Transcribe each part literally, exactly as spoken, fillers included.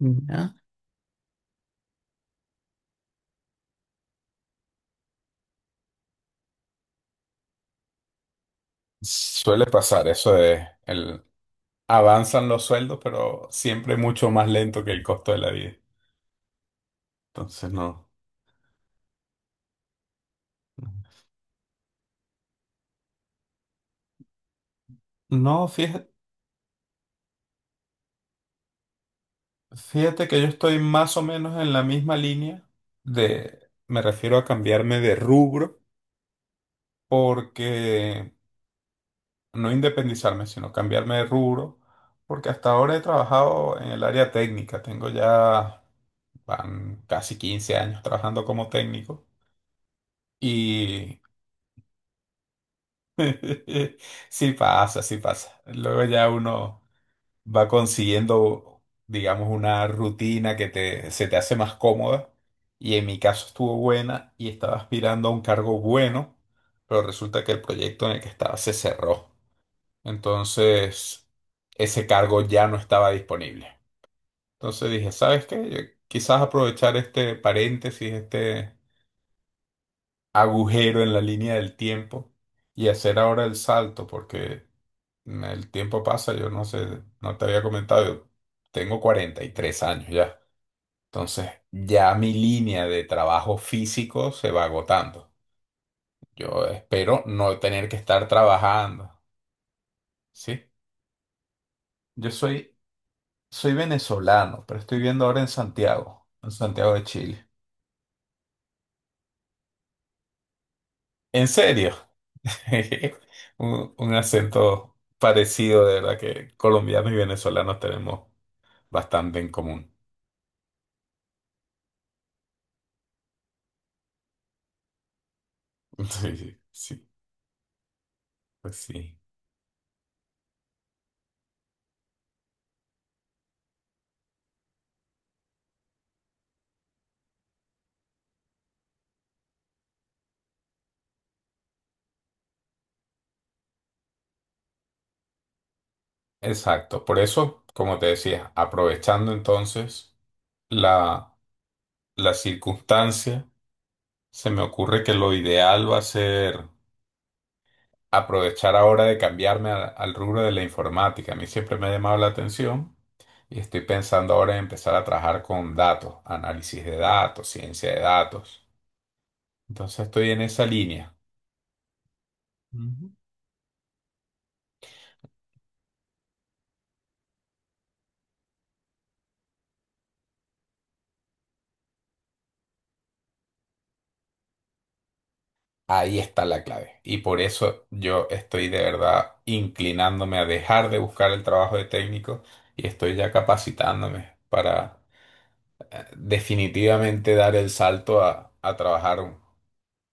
Ya. Suele pasar eso de el, avanzan los sueldos, pero siempre mucho más lento que el costo de la vida. Entonces no. No, fíjate, fíjate que yo estoy más o menos en la misma línea de, me refiero a cambiarme de rubro, porque no independizarme, sino cambiarme de rubro, porque hasta ahora he trabajado en el área técnica, tengo ya van casi quince años trabajando como técnico. Y Sí pasa, sí pasa. Luego ya uno va consiguiendo, digamos, una rutina que te, se te hace más cómoda. Y en mi caso estuvo buena y estaba aspirando a un cargo bueno, pero resulta que el proyecto en el que estaba se cerró. Entonces, ese cargo ya no estaba disponible. Entonces dije, ¿sabes qué? Yo quizás aprovechar este paréntesis, este agujero en la línea del tiempo y hacer ahora el salto, porque… El tiempo pasa, yo no sé, no te había comentado, yo tengo cuarenta y tres años ya. Entonces, ya mi línea de trabajo físico se va agotando. Yo espero no tener que estar trabajando, ¿sí? Yo soy, soy venezolano, pero estoy viendo ahora en Santiago, en Santiago de Chile. ¿En serio? Un, un acento parecido, de verdad que colombianos y venezolanos tenemos bastante en común. Sí, sí, pues sí. Exacto, por eso, como te decía, aprovechando entonces la, la circunstancia, se me ocurre que lo ideal va a ser aprovechar ahora de cambiarme a- al rubro de la informática. A mí siempre me ha llamado la atención y estoy pensando ahora en empezar a trabajar con datos, análisis de datos, ciencia de datos. Entonces estoy en esa línea. Ahí está la clave. Y por eso yo estoy de verdad inclinándome a dejar de buscar el trabajo de técnico y estoy ya capacitándome para eh, definitivamente dar el salto a, a trabajar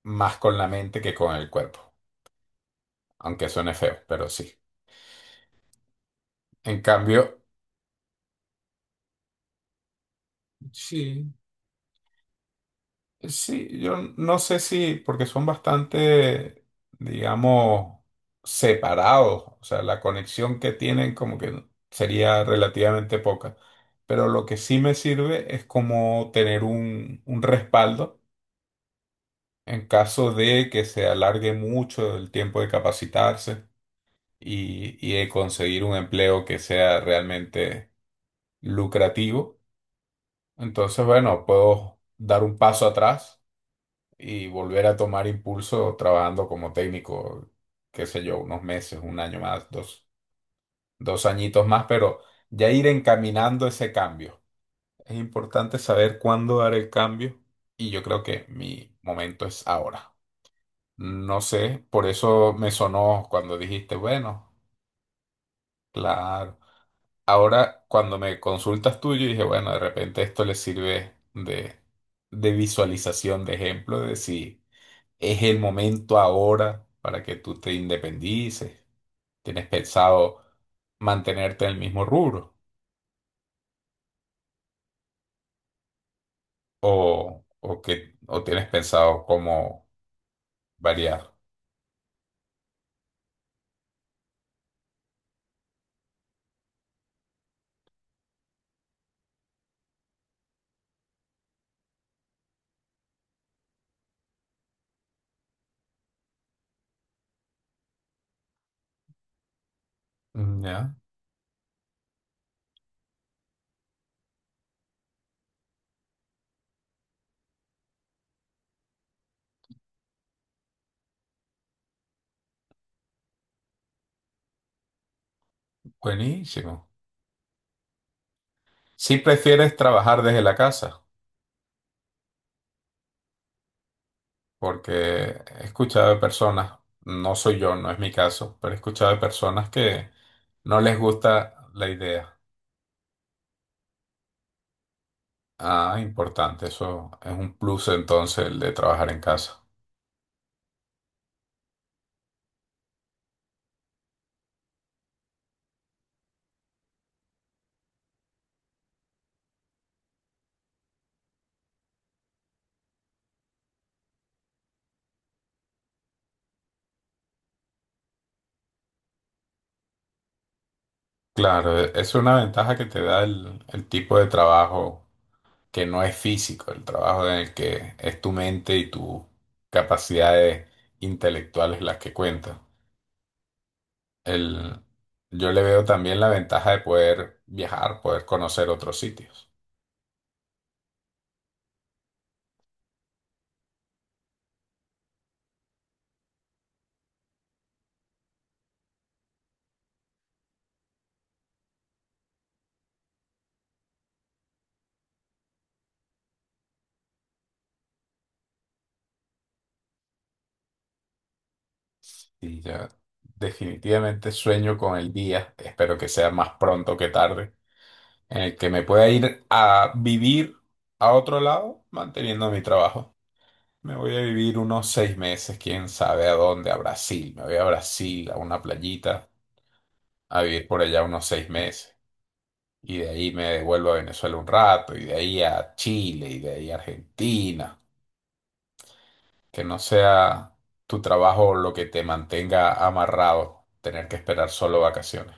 más con la mente que con el cuerpo. Aunque suene feo, pero sí. En cambio, sí. Sí, yo no sé si, porque son bastante, digamos, separados, o sea, la conexión que tienen como que sería relativamente poca, pero lo que sí me sirve es como tener un, un respaldo en caso de que se alargue mucho el tiempo de capacitarse y, y de conseguir un empleo que sea realmente lucrativo. Entonces, bueno, puedo dar un paso atrás y volver a tomar impulso trabajando como técnico, qué sé yo, unos meses, un año más, dos, dos añitos más, pero ya ir encaminando ese cambio. Es importante saber cuándo dar el cambio y yo creo que mi momento es ahora. No sé, por eso me sonó cuando dijiste, bueno, claro. Ahora, cuando me consultas tú, yo dije, bueno, de repente esto le sirve de, de visualización, de ejemplo, de si es el momento ahora para que tú te independices. ¿Tienes pensado mantenerte en el mismo rubro? ¿O, o, que, o tienes pensado cómo variar? Mm, ya, buenísimo. Si prefieres trabajar desde la casa, porque he escuchado de personas, no soy yo, no es mi caso, pero he escuchado de personas que no les gusta la idea. Ah, importante, eso es un plus entonces el de trabajar en casa. Claro, e- es una ventaja que te da el, el tipo de trabajo que no es físico, el trabajo en el que es tu mente y tus capacidades intelectuales las que cuentan. El, yo le veo también la ventaja de poder viajar, poder conocer otros sitios. Y ya definitivamente sueño con el día, espero que sea más pronto que tarde, en el que me pueda ir a vivir a otro lado manteniendo mi trabajo. Me voy a vivir unos seis meses, quién sabe a dónde, a Brasil. Me voy a Brasil, a una playita, a vivir por allá unos seis meses. Y de ahí me devuelvo a Venezuela un rato, y de ahí a Chile, y de ahí a Argentina. Que no sea tu trabajo lo que te mantenga amarrado, tener que esperar solo vacaciones.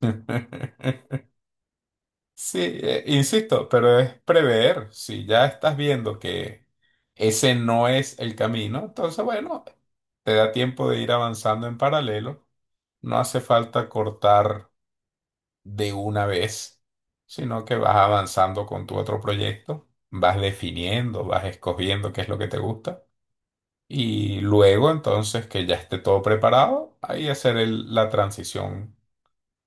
Sí, eh, insisto, pero es prever. Si ya estás viendo que ese no es el camino, entonces, bueno, te da tiempo de ir avanzando en paralelo. No hace falta cortar de una vez, sino que vas avanzando con tu otro proyecto, vas definiendo, vas escogiendo qué es lo que te gusta. Y luego, entonces, que ya esté todo preparado, ahí hacer el- la transición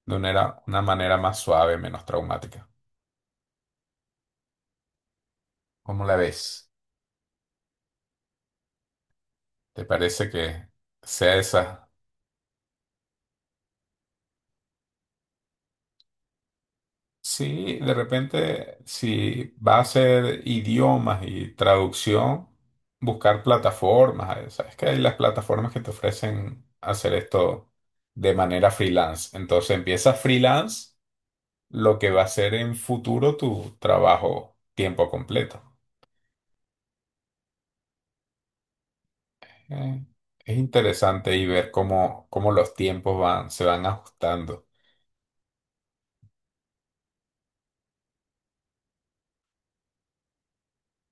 de una, era- una manera más suave, menos traumática. ¿Cómo la ves? ¿Te parece que sea esa? Sí, de repente, si va a ser idiomas y traducción, buscar plataformas. eh, Sabes que hay las plataformas que te ofrecen hacer esto de manera freelance. Entonces empieza freelance, lo que va a ser en futuro tu trabajo tiempo completo. Eh, es interesante y ver cómo, cómo los tiempos van, se van ajustando.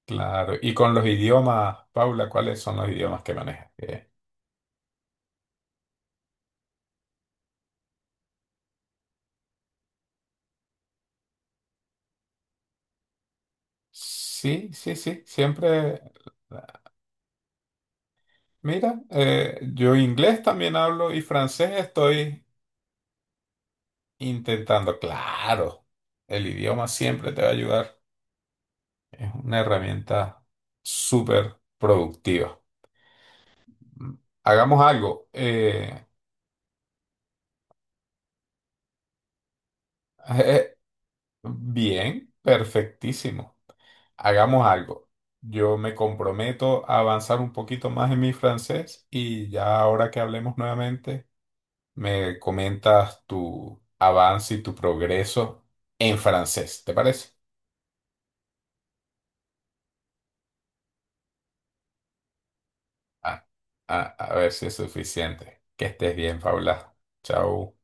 Claro. Y con los idiomas, Paula, ¿cuáles son los idiomas que manejas? Eh, Sí, sí, sí, siempre. Mira, eh, yo inglés también hablo y francés estoy intentando. Claro, el idioma siempre te va a ayudar. Es una herramienta súper productiva. Hagamos algo. eh, eh, bien, perfectísimo. Hagamos algo. Yo me comprometo a avanzar un poquito más en mi francés y ya ahora que hablemos nuevamente. Me comentas tu avance y tu progreso en francés, ¿te parece? Ah, ah, a ver si es suficiente. Que estés bien, Paula. Chao.